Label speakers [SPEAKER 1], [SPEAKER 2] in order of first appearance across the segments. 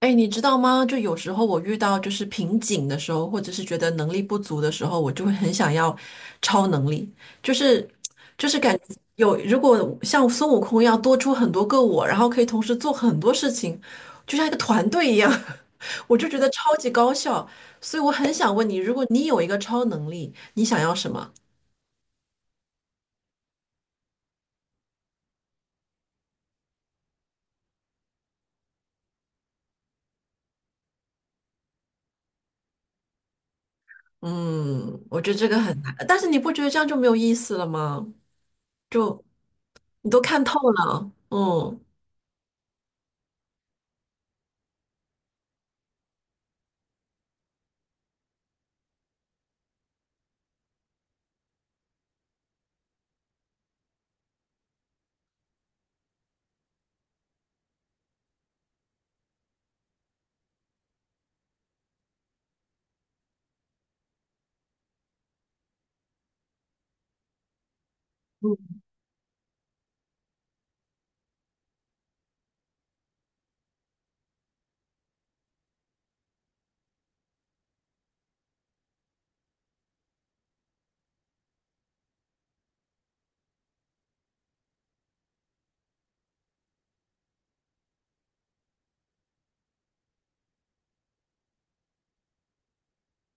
[SPEAKER 1] 哎，你知道吗？就有时候我遇到就是瓶颈的时候，或者是觉得能力不足的时候，我就会很想要超能力，就是就是感觉有如果像孙悟空一样多出很多个我，然后可以同时做很多事情，就像一个团队一样，我就觉得超级高效。所以我很想问你，如果你有一个超能力，你想要什么？嗯，我觉得这个很难，但是你不觉得这样就没有意思了吗？就你都看透了，嗯。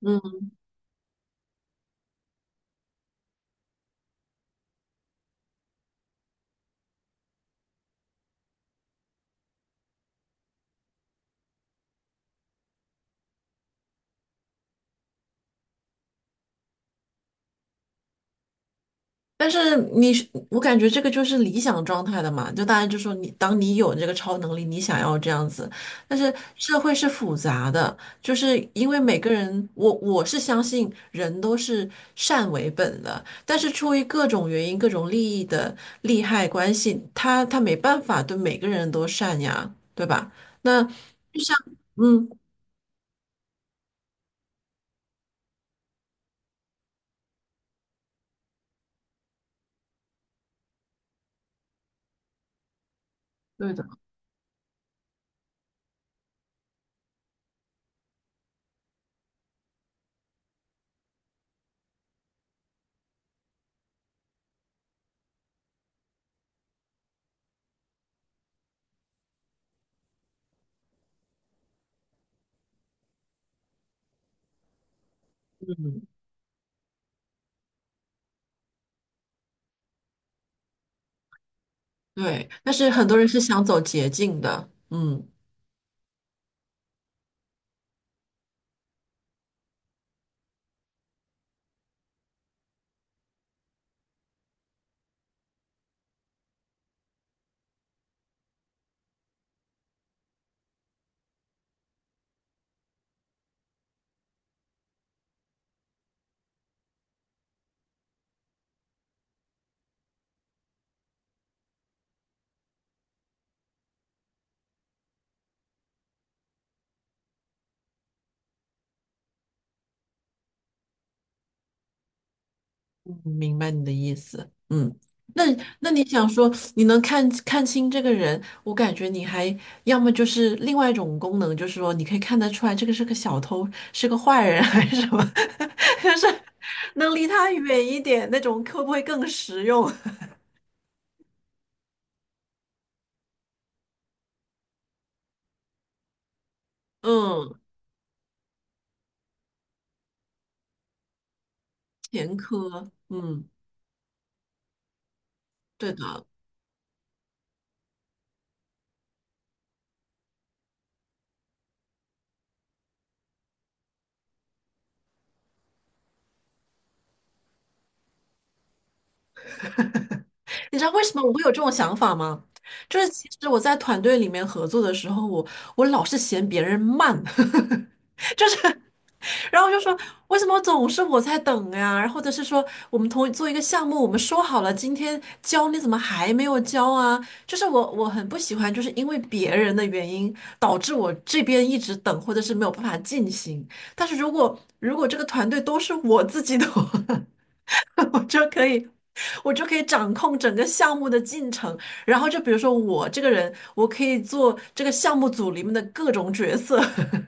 [SPEAKER 1] 嗯但是你是，我感觉这个就是理想状态的嘛，就大家就说你，当你有这个超能力，你想要这样子，但是社会是复杂的，就是因为每个人，我是相信人都是善为本的，但是出于各种原因、各种利益的利害关系，他没办法对每个人都善呀，对吧？那就像，嗯，对的，嗯，对，但是很多人是想走捷径的，嗯。嗯明白你的意思，嗯，那那你想说你能看清这个人，我感觉你还要么就是另外一种功能，就是说你可以看得出来这个是个小偷，是个坏人还是什么，就是能离他远一点那种，会不会更实用？嗯，前科，嗯，对的。你知道为什么我会有这种想法吗？就是其实我在团队里面合作的时候，我老是嫌别人慢。就是，然后就说为什么总是我在等呀？然后或者是说我们同做一个项目，我们说好了今天交，你怎么还没有交啊？就是我很不喜欢，就是因为别人的原因导致我这边一直等，或者是没有办法进行。但是如果这个团队都是我自己的话，我就可以。我就可以掌控整个项目的进程，然后就比如说我这个人，我可以做这个项目组里面的各种角色。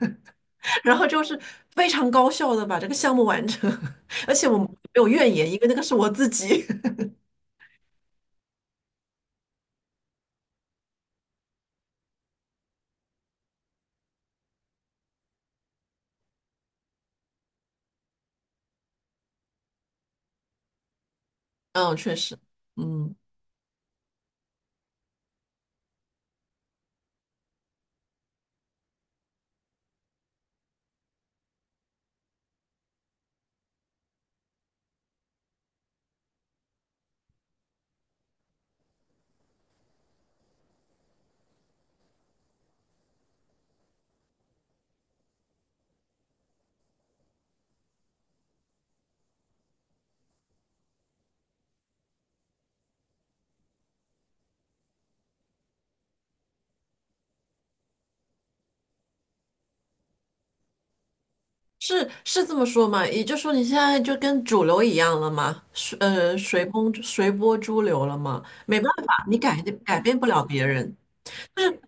[SPEAKER 1] 然后就是非常高效的把这个项目完成，而且我没有怨言，因为那个是我自己。嗯，确实，嗯，是这么说嘛？也就是说，你现在就跟主流一样了嘛，随风随波逐流了嘛，没办法，你改变不了别人。但是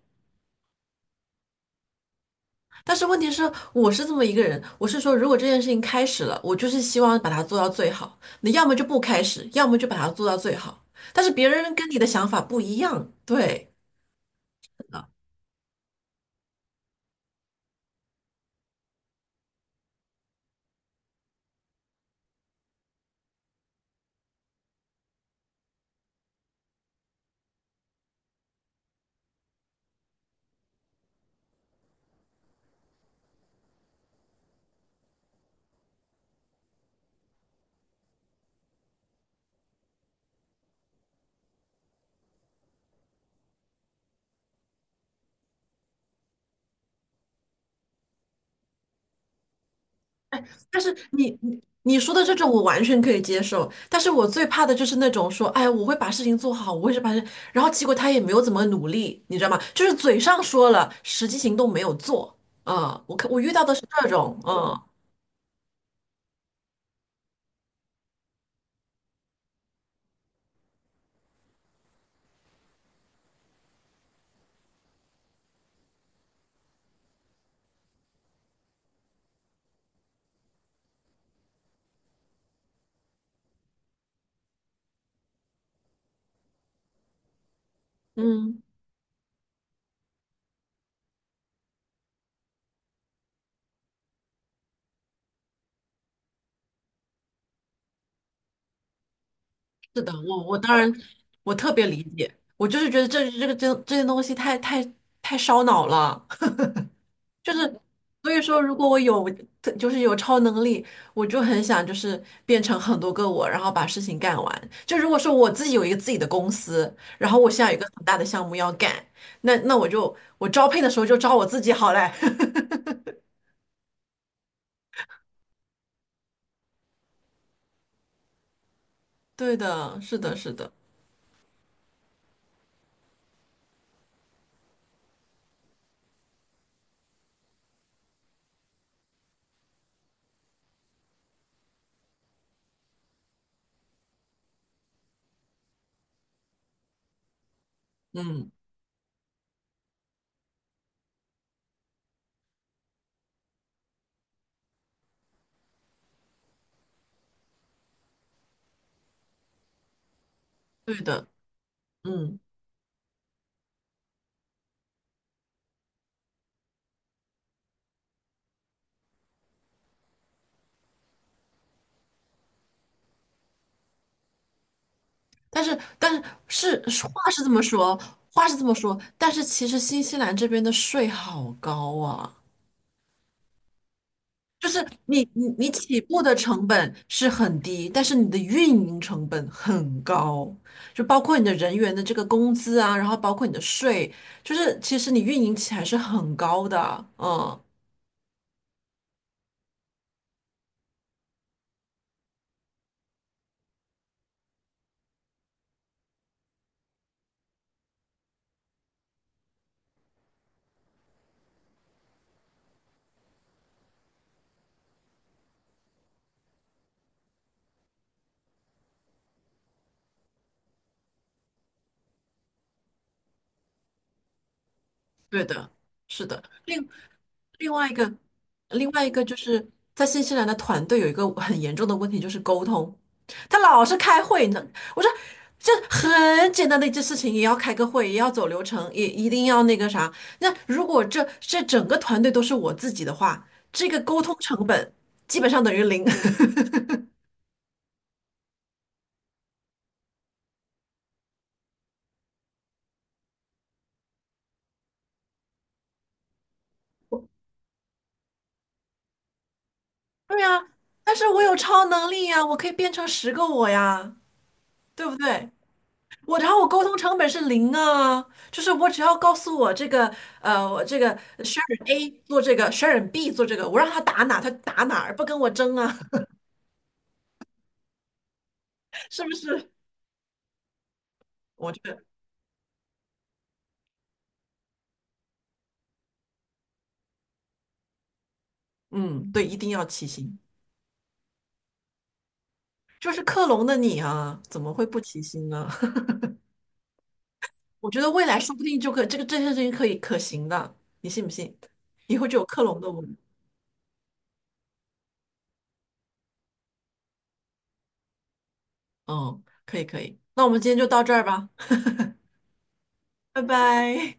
[SPEAKER 1] 但是问题是，我是这么一个人，我是说，如果这件事情开始了，我就是希望把它做到最好。你要么就不开始，要么就把它做到最好。但是别人跟你的想法不一样，对。哎，但是你说的这种我完全可以接受，但是我最怕的就是那种说，哎，我会把事情做好，我会是把这，然后结果他也没有怎么努力，你知道吗？就是嘴上说了，实际行动没有做。嗯，我看我遇到的是这种，嗯嗯，是的，我当然我特别理解，我就是觉得这个这些东西太烧脑了。就是，所以说，如果我有，就是有超能力，我就很想就是变成很多个我，然后把事情干完。就如果说我自己有一个自己的公司，然后我现在有一个很大的项目要干，那我招聘的时候就招我自己好嘞。对的，是的，是的，嗯，对的，嗯，但是是话是这么说，话是这么说，但是其实新西兰这边的税好高啊。就是你起步的成本是很低，但是你的运营成本很高，就包括你的人员的这个工资啊，然后包括你的税，就是其实你运营起来是很高的，嗯，对的，是的，另外一个，另外一个就是在新西兰的团队有一个很严重的问题，就是沟通。他老是开会呢，我说这很简单的一件事情，也要开个会，也要走流程，也一定要那个啥。那如果这整个团队都是我自己的话，这个沟通成本基本上等于零。对呀，但是我有超能力呀，我可以变成十个我呀，对不对？然后我沟通成本是零啊，就是我只要告诉我这个 Sharon A 做这个，Sharon B 做这个，我让他打哪他打哪儿，不跟我争啊，是不是？我觉得，嗯，对，一定要齐心。就是克隆的你啊，怎么会不齐心呢？我觉得未来说不定这件事情可行的，你信不信？以后就有克隆的我们。嗯，可以可以，那我们今天就到这儿吧，拜拜。